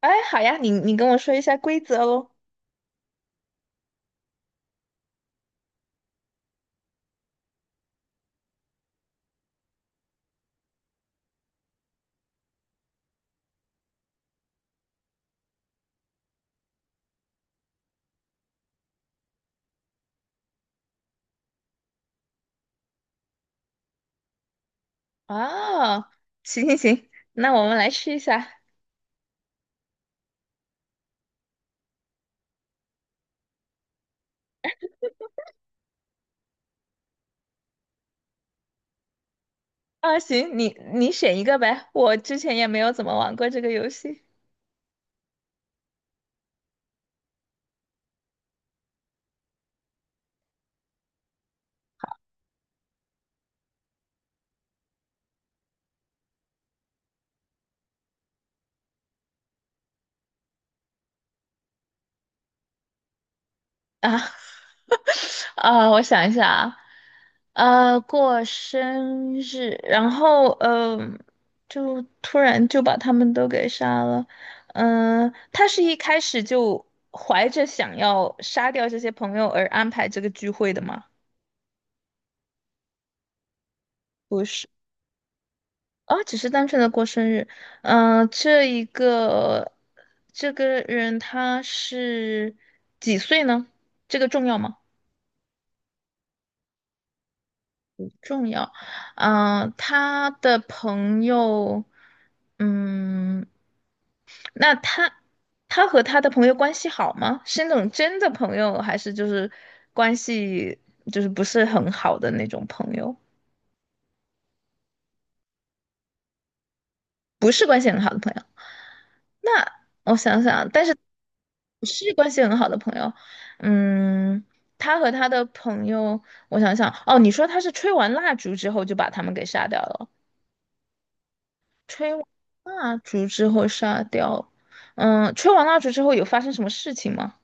哎，好呀，你跟我说一下规则喽。啊，行行行，那我们来试一下。啊，行，你选一个呗，我之前也没有怎么玩过这个游戏啊。啊，我想一下啊，过生日，然后就突然就把他们都给杀了。嗯、他是一开始就怀着想要杀掉这些朋友而安排这个聚会的吗？不是。哦，只是单纯的过生日。嗯、这个人他是几岁呢？这个重要吗？重要。嗯、他的朋友，嗯，那他他和他的朋友关系好吗？是那种真的朋友，还是就是关系就是不是很好的那种朋友？不是关系很好的朋友。那我想想啊，但是不是关系很好的朋友，嗯，他和他的朋友，我想想，哦，你说他是吹完蜡烛之后就把他们给杀掉了，蜡烛之后杀掉，嗯，吹完蜡烛之后有发生什么事情吗？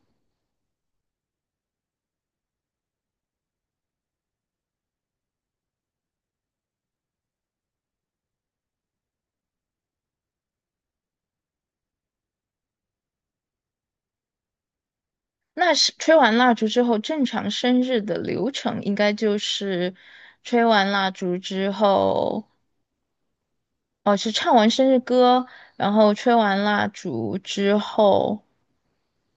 那是吹完蜡烛之后，正常生日的流程应该就是吹完蜡烛之后，哦，是唱完生日歌，然后吹完蜡烛之后。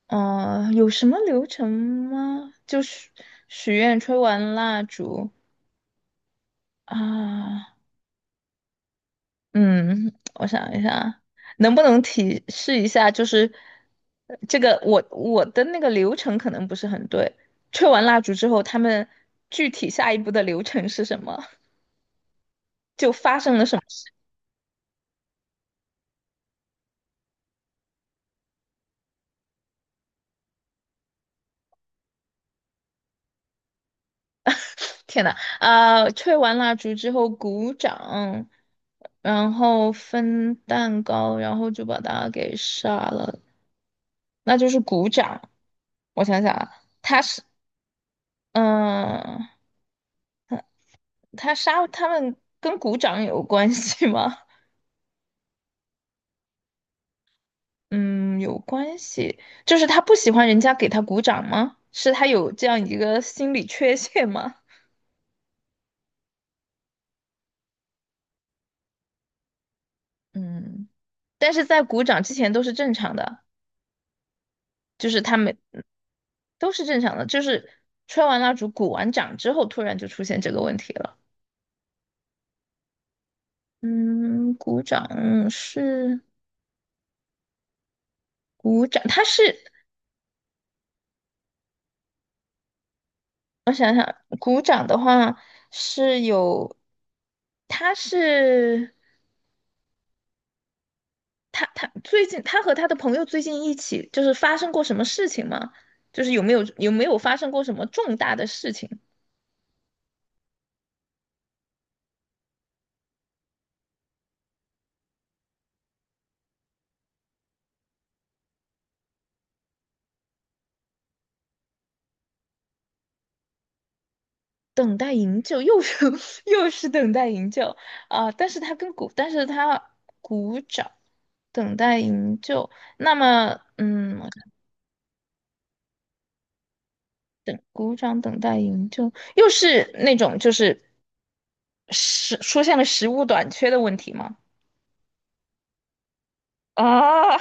嗯，有什么流程吗？就是许愿、吹完蜡烛啊。嗯，我想一下，能不能提示一下？就是这个我的那个流程可能不是很对。吹完蜡烛之后，他们具体下一步的流程是什么？就发生了什么事天呐，啊、吹完蜡烛之后鼓掌，然后分蛋糕，然后就把它给杀了。那就是鼓掌。我想想啊，他是嗯，他他杀他们跟鼓掌有关系吗？嗯，有关系，就是他不喜欢人家给他鼓掌吗？是他有这样一个心理缺陷吗？嗯，但是在鼓掌之前都是正常的，就是他们都是正常的，就是吹完蜡烛、鼓完掌之后，突然就出现这个问题了。嗯，鼓掌，他是。鼓掌的话是有，他是他最近他和他的朋友最近一起就是发生过什么事情吗？就是有没有发生过什么重大的事情？等待营救又是 又是等待营救啊、但是他跟鼓，但是他鼓掌等待营救，那么嗯，我看鼓掌等待营救又是那种就是出现了食物短缺的问题吗？啊，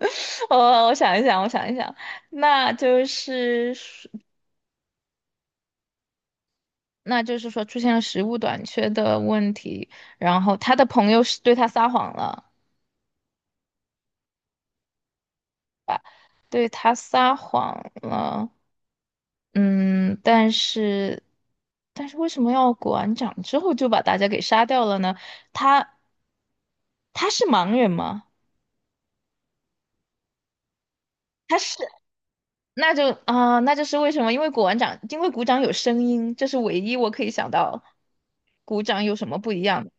我想一想，我想一想，那就是说那就是说出现了食物短缺的问题，然后他的朋友是对他撒谎了，对他撒谎了，嗯，但是为什么要鼓完掌之后就把大家给杀掉了呢？他他是盲人吗？他是，那就啊、那就是为什么？因为鼓完掌，因为鼓掌有声音，这是唯一我可以想到鼓掌有什么不一样的。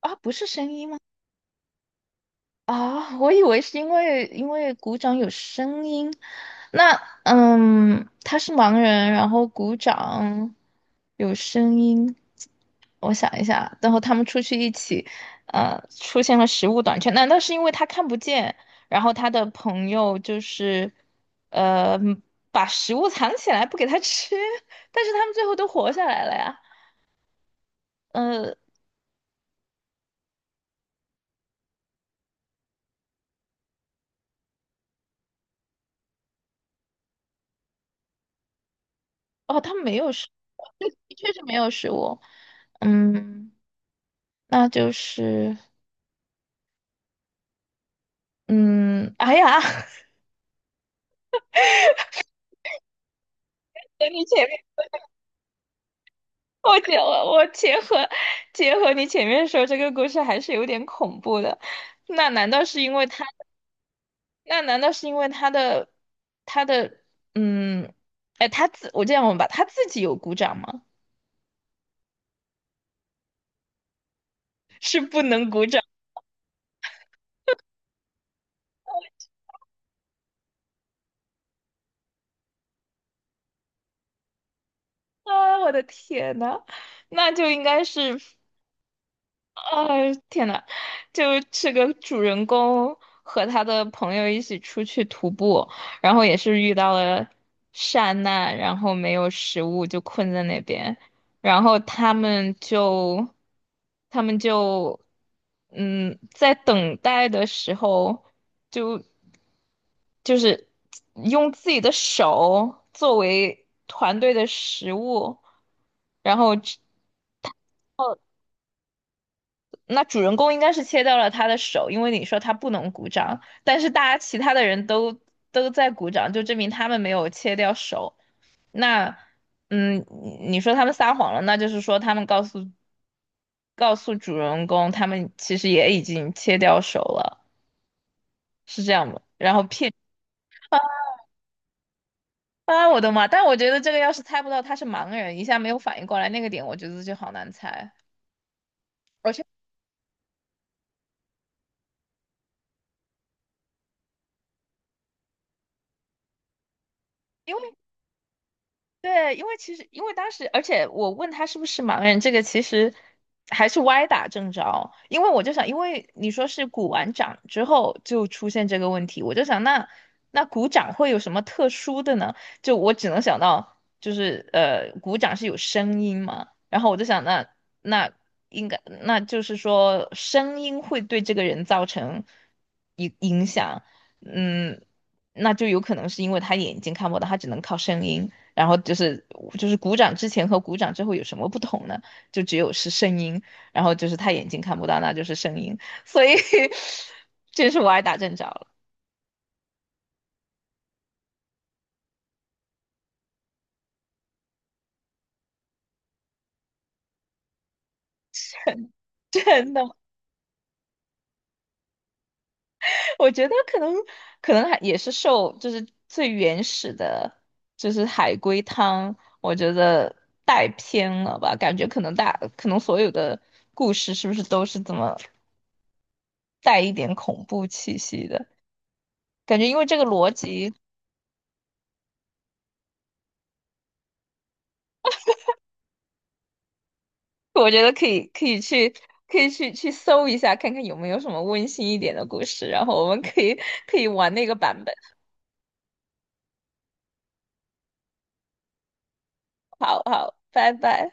啊，不是声音吗？啊，我以为是因为鼓掌有声音。那嗯，他是盲人，然后鼓掌有声音。我想一下，然后他们出去一起，出现了食物短缺。难道是因为他看不见，然后他的朋友就是，呃，把食物藏起来不给他吃，但是他们最后都活下来了呀。呃。哦，他没有食物，对的确是没有食物。嗯，那就是，嗯，哎呀，等你前面，我结合结合你前面说这个故事还是有点恐怖的。那难道是因为他？那难道是因为他的嗯，哎，他自我这样问吧，他自己有鼓掌吗？是不能鼓掌啊！我的天呐，那就应该是。啊天呐，就这个主人公和他的朋友一起出去徒步，然后也是遇到了山难，然后没有食物就困在那边，然后他们就他们就嗯，在等待的时候就就是用自己的手作为团队的食物，然后。那主人公应该是切掉了他的手，因为你说他不能鼓掌，但是大家其他的人都在鼓掌，就证明他们没有切掉手。那，嗯，你说他们撒谎了，那就是说他们告诉主人公，他们其实也已经切掉手了，是这样吗？啊，我的妈！但我觉得这个要是猜不到他是盲人，一下没有反应过来那个点，我觉得就好难猜。而且因为对，因为当时，而且我问他是不是盲人，这个其实还是歪打正着。因为我就想，因为你说是鼓完掌之后就出现这个问题，我就想那鼓掌会有什么特殊的呢？就我只能想到就是鼓掌是有声音嘛，然后我就想那应该那就是说声音会对这个人造成影响，嗯，那就有可能是因为他眼睛看不到，他只能靠声音。然后就是就是鼓掌之前和鼓掌之后有什么不同呢？就只有是声音，然后就是他眼睛看不到，那就是声音，所以 这是我挨打正着了。真的，我觉得可能也是受就是最原始的，就是海龟汤，我觉得带偏了吧，感觉可能所有的故事是不是都是这么带一点恐怖气息的感觉，因为这个逻辑。我觉得可以，去搜一下，看看有没有什么温馨一点的故事，然后我们可以玩那个版本。好好，拜拜。